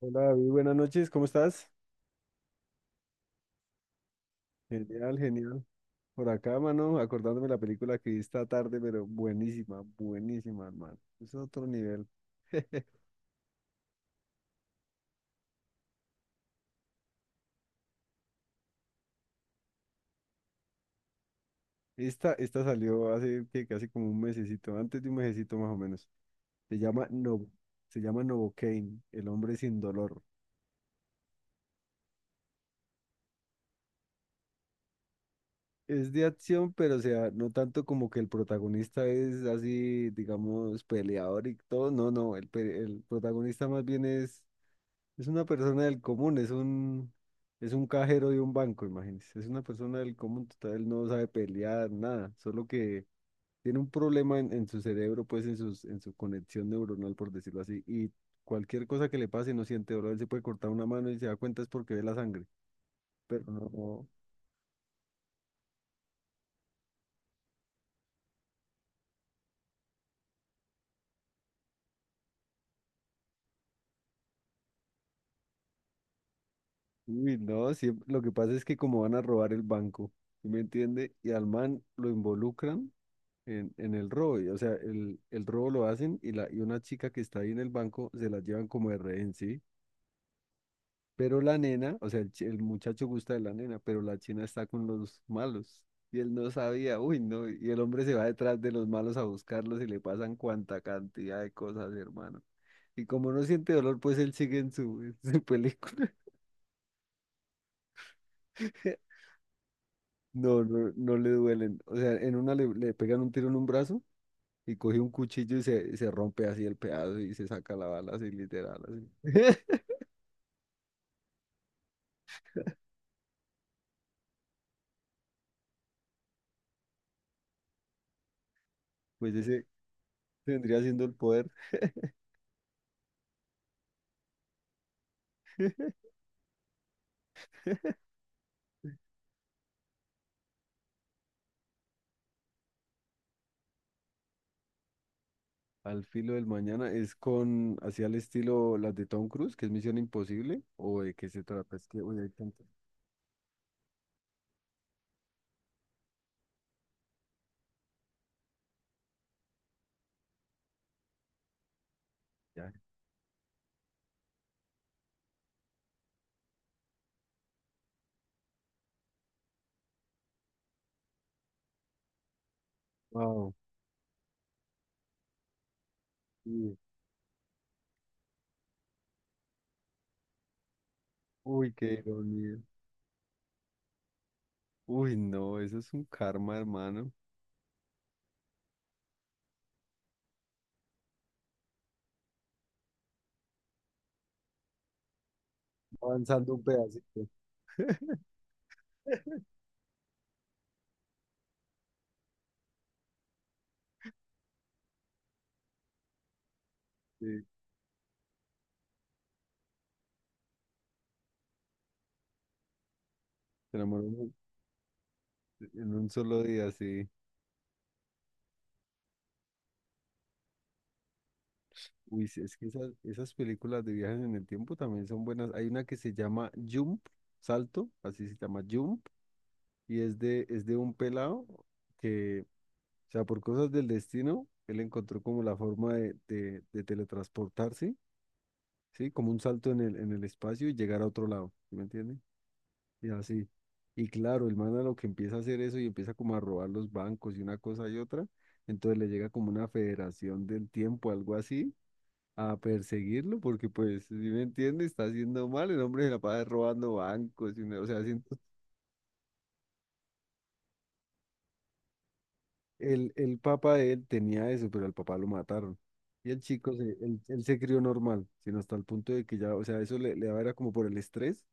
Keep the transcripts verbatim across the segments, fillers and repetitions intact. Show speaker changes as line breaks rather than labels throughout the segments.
Hola David, buenas noches, ¿cómo estás? Genial, genial. Por acá, mano, acordándome de la película que vi esta tarde, pero buenísima, buenísima, hermano. Es otro nivel. Esta, esta salió hace que casi como un mesecito, antes de un mesecito más o menos. Se llama No, se llama Novocaine, El hombre sin dolor. Es de acción, pero o sea, no tanto como que el protagonista es así, digamos, peleador y todo. No, no, el, pe- el protagonista más bien es Es una persona del común, es un, es un cajero de un banco, imagínense. Es una persona del común total, él no sabe pelear, nada, solo que tiene un problema en, en su cerebro, pues en sus, en su conexión neuronal, por decirlo así, y cualquier cosa que le pase no siente dolor, él se puede cortar una mano y se da cuenta es porque ve la sangre, pero no, uy, no, siem- lo que pasa es que como van a robar el banco, ¿sí me entiende? Y al man lo involucran en, en el robo. y, O sea, el, el robo lo hacen y, la, y una chica que está ahí en el banco se la llevan como de rehén, ¿sí? Pero la nena, o sea, el, chi- el muchacho gusta de la nena, pero la china está con los malos. Y él no sabía, uy, no. Y el hombre se va detrás de los malos a buscarlos y le pasan cuanta cantidad de cosas, hermano. Y como no siente dolor, pues él sigue en su, en su película. No, no, no le duelen. O sea, en una le, le pegan un tiro en un brazo. Y coge un cuchillo y se, se rompe así el pedazo y se saca la bala así literal, así. Pues ese vendría siendo el poder. Al filo del mañana es con, así al estilo las de Tom Cruise, que es Misión Imposible, o de qué se trata, es que, uy, hay tanto. Ya. Wow. Sí. Uy, qué ironía. Uy, no, eso es un karma, hermano. Avanzando un pedacito. Sí, se enamoró en un en un solo día, sí. Uy, sí, es que esas, esas películas de viajes en el tiempo también son buenas. Hay una que se llama Jump, Salto, así se llama Jump, y es de, es de un pelado que, o sea, por cosas del destino, él encontró como la forma de, de, de teletransportarse, ¿sí? Como un salto en el, en el espacio y llegar a otro lado, ¿sí me entiendes? Y así. Y claro, el man a lo que empieza a hacer eso y empieza como a robar los bancos y una cosa y otra, entonces le llega como una federación del tiempo, algo así a perseguirlo, porque pues, si me entiende, está haciendo mal, el hombre se la pasa robando bancos, y una- o sea, haciendo- el, el papá de él tenía eso, pero al papá lo mataron. Y el chico, se, él, él se crió normal, sino hasta el punto de que ya, o sea, eso le, le daba era como por el estrés,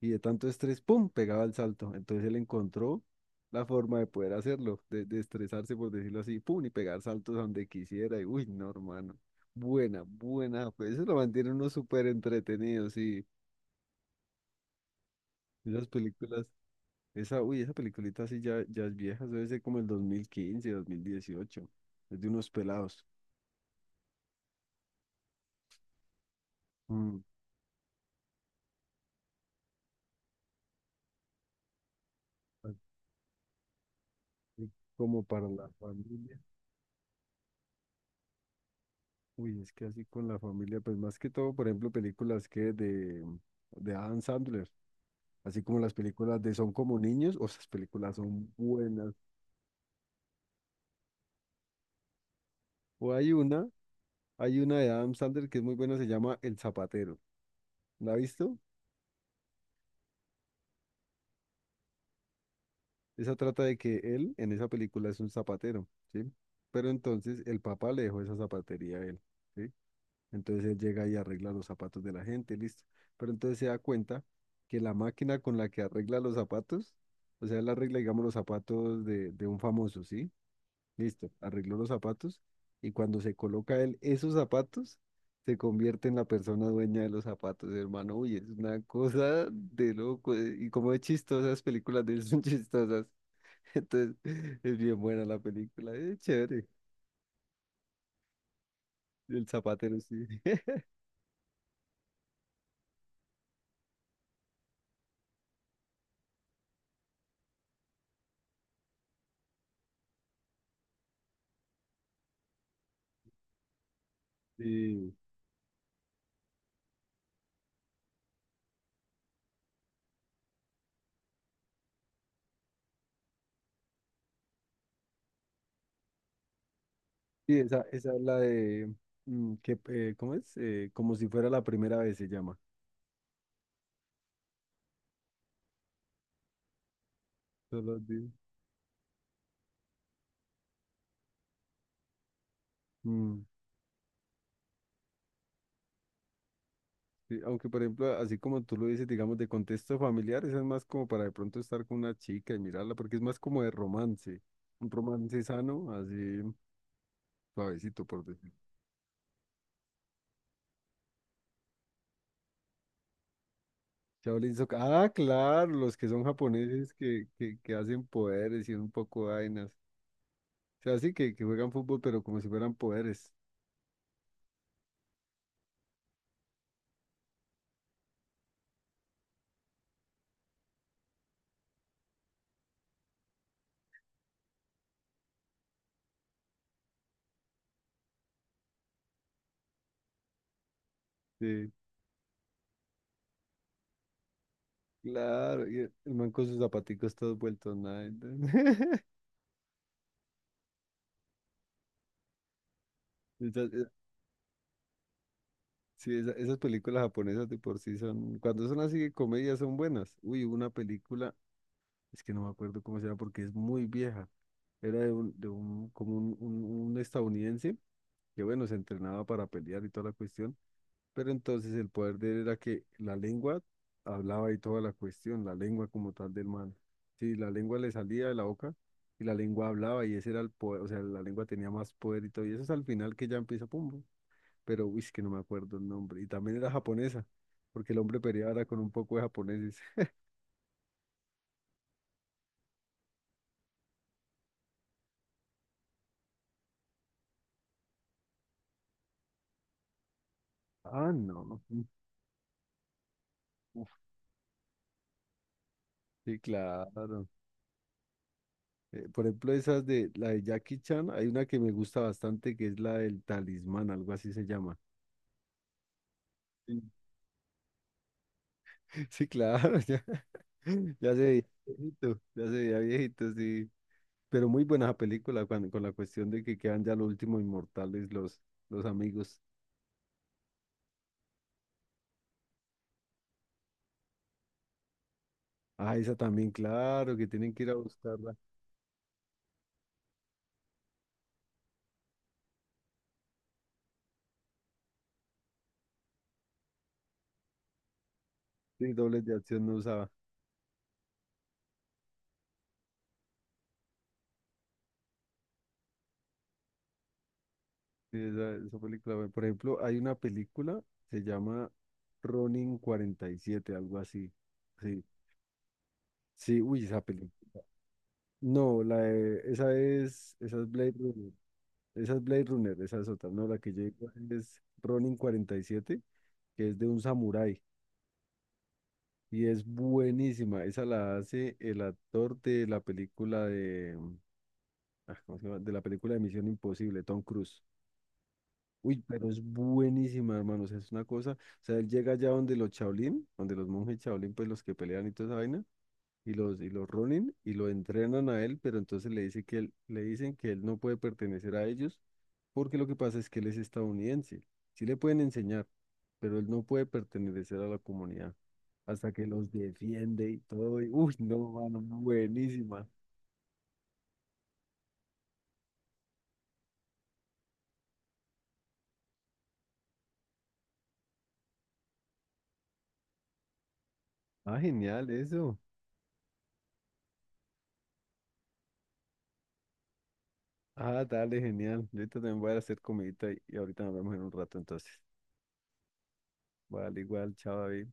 y de tanto estrés, ¡pum!, pegaba el salto. Entonces él encontró la forma de poder hacerlo, de, de estresarse, por decirlo así, ¡pum!, y pegar saltos a donde quisiera, y uy, no, hermano. Buena, buena, pues eso lo mantiene uno súper entretenido, sí. Esas películas. Esa, uy, esa peliculita así ya, ya es vieja, eso debe ser como el dos mil quince, dos mil dieciocho. Es de unos pelados. Mm, así como para la familia. Uy, es que así con la familia, pues más que todo, por ejemplo, películas que de, de Adam Sandler, así como las películas de Son como niños, o esas películas son buenas. O hay una, hay una de Adam Sandler que es muy buena, se llama El Zapatero. ¿La ha visto? Esa trata de que él en esa película es un zapatero, ¿sí? Pero entonces el papá le dejó esa zapatería a él, ¿sí? Entonces él llega y arregla los zapatos de la gente, listo. Pero entonces se da cuenta que la máquina con la que arregla los zapatos, o sea, él arregla, digamos, los zapatos de, de un famoso, ¿sí? Listo, arregló los zapatos y cuando se coloca él esos zapatos, se convierte en la persona dueña de los zapatos, hermano. Uy, es una cosa de loco. eh, Y como es chistosa, las películas de él son chistosas. Entonces, es bien buena la película, es chévere. El zapatero, sí. Sí, sí, esa, esa es la de, mm, que, eh, ¿cómo es? Eh, como si fuera la primera vez se llama. Solo di- mm, sí, aunque, por ejemplo, así como tú lo dices, digamos, de contexto familiar, esa es más como para de pronto estar con una chica y mirarla, porque es más como de romance. Un romance sano, así suavecito, por decir. Shaolin Soccer. Ah, claro, los que son japoneses que, que, que hacen poderes y un poco de vainas. Sea, así que, que juegan fútbol, pero como si fueran poderes. Sí, claro. Y el el man con sus zapaticos todos vueltos nada. Esas- eh, sí, esa- esas películas japonesas de por sí son, cuando son así de comedia son buenas. Uy, hubo una película, es que no me acuerdo cómo se llama porque es muy vieja. Era de un, de un, como un, un, un estadounidense que, bueno, se entrenaba para pelear y toda la cuestión. Pero entonces el poder de él era que la lengua hablaba y toda la cuestión, la lengua como tal del man. Sí, la lengua le salía de la boca y la lengua hablaba y ese era el poder, o sea, la lengua tenía más poder y todo. Y eso es al final que ya empieza Pumbo. Pero, uy, es que no me acuerdo el nombre. Y también era japonesa, porque el hombre peleaba con un poco de japoneses. Ah, no. Uf, sí, claro. Eh, por ejemplo, esas de la de Jackie Chan, hay una que me gusta bastante que es la del talismán, algo así se llama. Sí. Sí, claro, ya, ya se veía viejito, ya se veía viejito, sí. Pero muy buena esa película cuando- con la cuestión de que quedan ya los últimos inmortales, los, los amigos. Ah, esa también, claro, que tienen que ir a buscarla. Sí, dobles de acción no usaba. Sí, esa, esa película. bueno, Por ejemplo, hay una película, se llama Ronin cuarenta y siete, algo así. Sí, sí, uy, esa película. No, la de- esa es, esa es Blade Runner. Esa es Blade Runner, esa es otra. No, la que yo digo es Ronin cuarenta y siete, que es de un samurái y es buenísima. Esa la hace el actor de la película de, ah, ¿cómo se llama? De la película de Misión Imposible, Tom Cruise. Uy, pero es buenísima, hermanos. Es una cosa. O sea, él llega allá donde los Shaolin, donde los monjes Shaolin, pues los que pelean y toda esa vaina. y los, y los runen y lo entrenan a él, pero entonces le dice que él, le dicen que él no puede pertenecer a ellos porque lo que pasa es que él es estadounidense. Sí le pueden enseñar, pero él no puede pertenecer a la comunidad hasta que los defiende y todo. Y, uy, no, mano, buenísima. Ah, genial eso. Ah, dale, genial. Ahorita también voy a hacer comidita y, y ahorita nos vemos en un rato entonces. Vale, igual, chao, David.